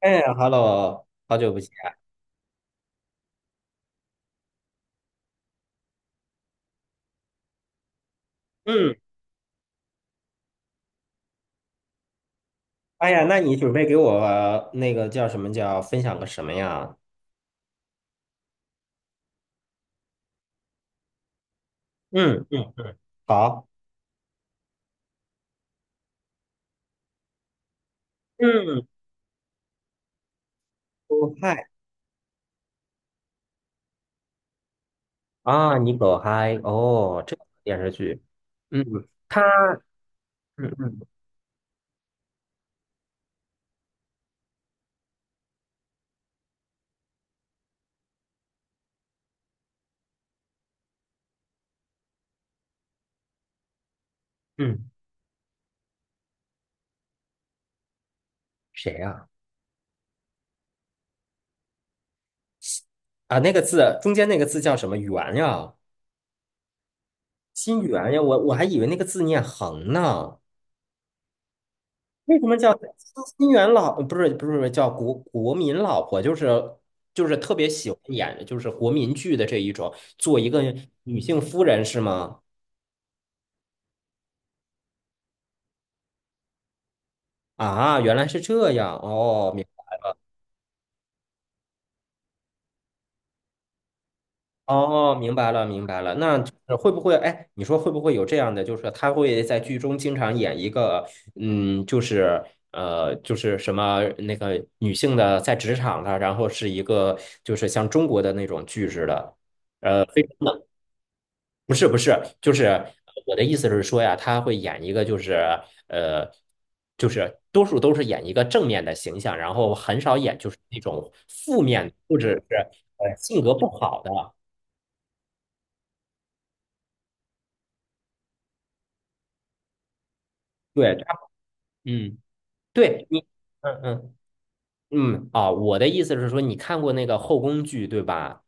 哎，Hello，好久不见。嗯。哎呀，那你准备给我那个叫什么叫分享个什么呀？嗯嗯嗯。好。嗯。狗嗨。啊，你狗嗨哦，这个电视剧。嗯。他。嗯嗯嗯。谁呀？啊，那个字中间那个字叫什么？圆呀。心圆呀，我还以为那个字念横呢。为什么叫新元老？不是不是不是叫国民老婆？就是特别喜欢演就是国民剧的这一种，做一个女性夫人是吗？啊，原来是这样哦，哦，明白了明白了。那就是会不会？哎，你说会不会有这样的，就是他会在剧中经常演一个，就是就是什么那个女性的在职场的，然后是一个，就是像中国的那种剧似的。非常不是不是，就是我的意思是说呀，他会演一个就是呃，就是多数都是演一个正面的形象，然后很少演就是那种负面或者是性格不好的。对。他。嗯。对你。嗯嗯嗯。啊，我的意思是说，你看过那个后宫剧对吧？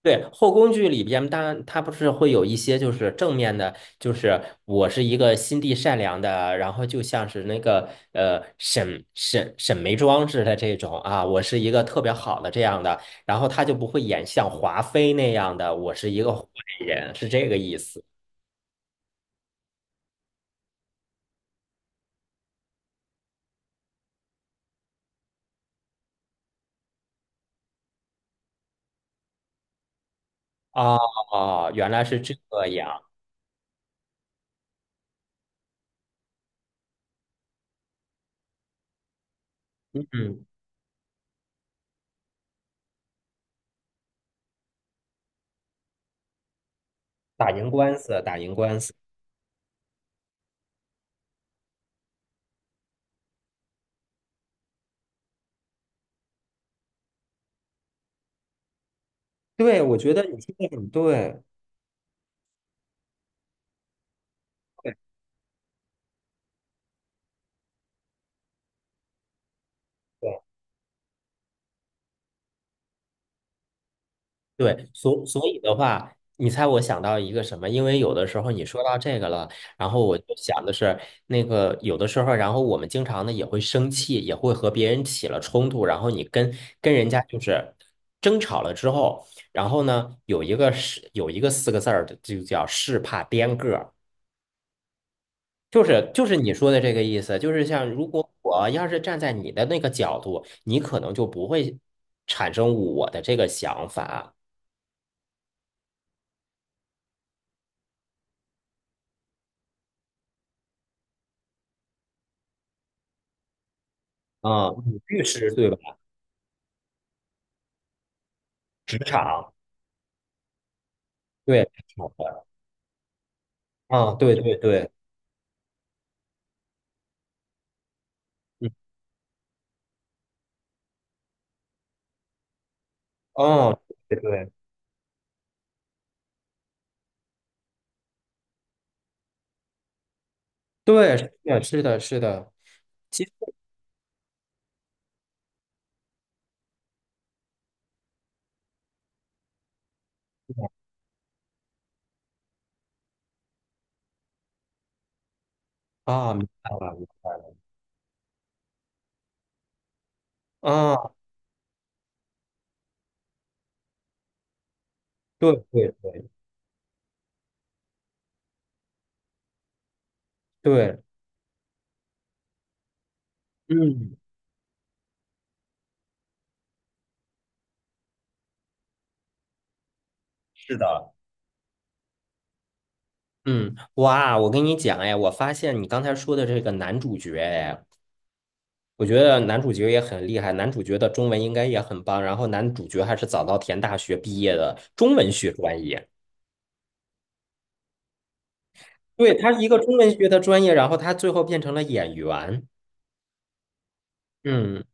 对，后宫剧里边，当然它不是会有一些就是正面的，就是我是一个心地善良的，然后就像是那个沈眉庄似的这种。啊，我是一个特别好的这样的，然后他就不会演像华妃那样的，我是一个坏人，是这个意思。哦哦，原来是这样。嗯。打赢官司，打赢官司。对，我觉得你说的很对。对对，所以的话，你猜我想到一个什么？因为有的时候你说到这个了，然后我就想的是，那个有的时候，然后我们经常呢也会生气，也会和别人起了冲突，然后你跟人家就是争吵了之后，然后呢有一个是有一个四个字儿的，就叫是怕颠个儿，就是你说的这个意思，就是像如果我要是站在你的那个角度，你可能就不会产生我的这个想法。啊，你律师对吧？职场。对，好的。啊，对对对。嗯。哦，对对。对，是的，是的，是的。其实啊，明白了，明白了。啊，对对对对。嗯，是的。嗯，哇，我跟你讲，哎，我发现你刚才说的这个男主角，哎，我觉得男主角也很厉害，男主角的中文应该也很棒，然后男主角还是早稻田大学毕业的中文学专业。对，他是一个中文学的专业，然后他最后变成了演员。嗯。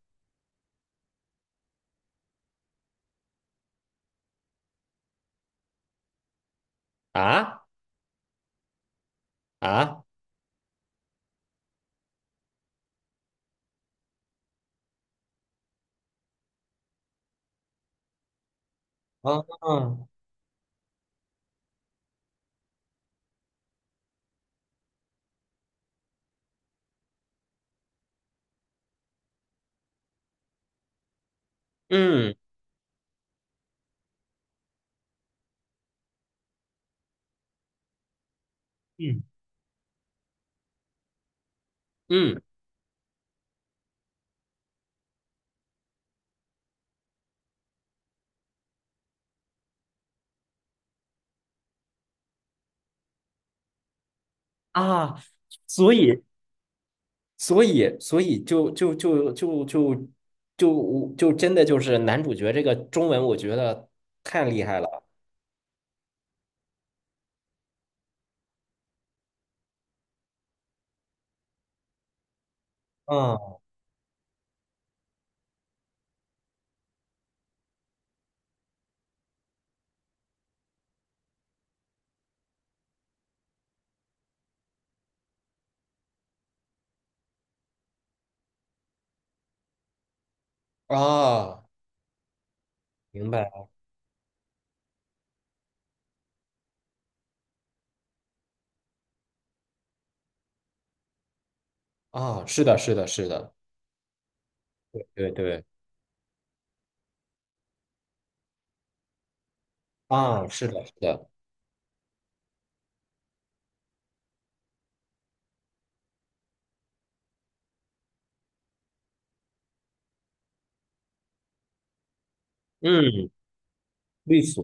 啊。啊啊。嗯嗯嗯。啊，所以所以就真的就是男主角这个中文，我觉得太厉害了。嗯。啊！明白。啊，是的，是的，是的。对对。啊，是的，是的。嗯。律所。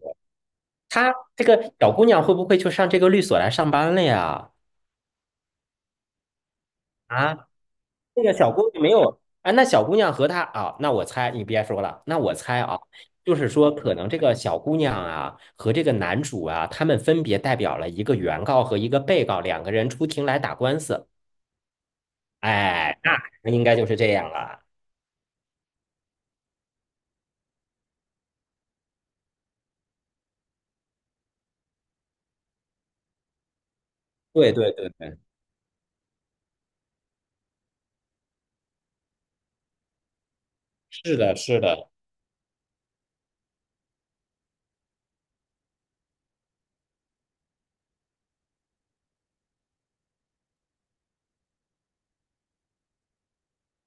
她这个小姑娘会不会就上这个律所来上班了呀？啊？那个小姑娘没有，哎，那小姑娘和她啊，那我猜你别说了，那我猜啊，就是说可能这个小姑娘啊和这个男主啊，他们分别代表了一个原告和一个被告两个人出庭来打官司。哎，那应该就是这样了。对对对对，是的，是的。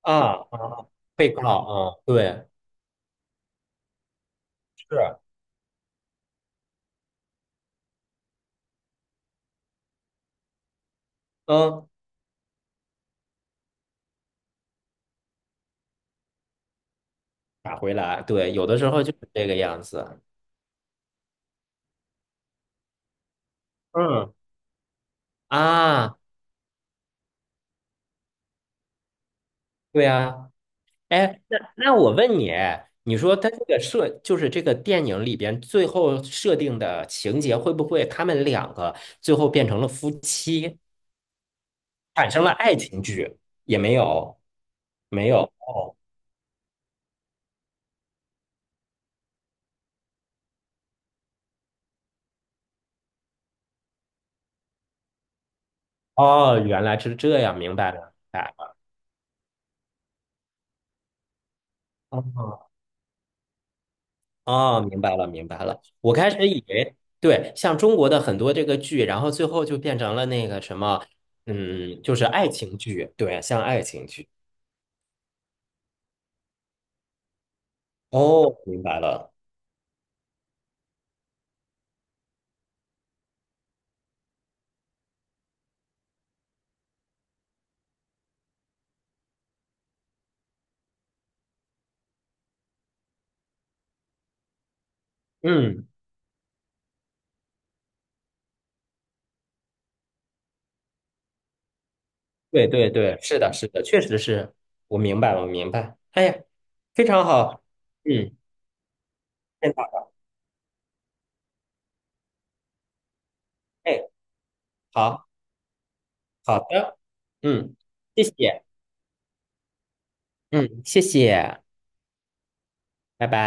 啊啊，啊，被告啊。对。是。嗯。打回来。对，有的时候就是这个样子。嗯。啊，对呀。哎，那我问你，你说他这个就是这个电影里边最后设定的情节，会不会他们两个最后变成了夫妻，产生了爱情剧？也没有，没有。哦，哦，原来是这样，明白了，明白了。哦，哦，明白了，明白了。我开始以为，对，像中国的很多这个剧，然后最后就变成了那个什么，就是爱情剧。对，像爱情剧。哦，明白了。嗯。对对对，是的，是的，确实是。我明白我明白。哎呀，非常好。嗯，太好了。哎，好好的。嗯，谢谢。嗯，谢谢。拜拜。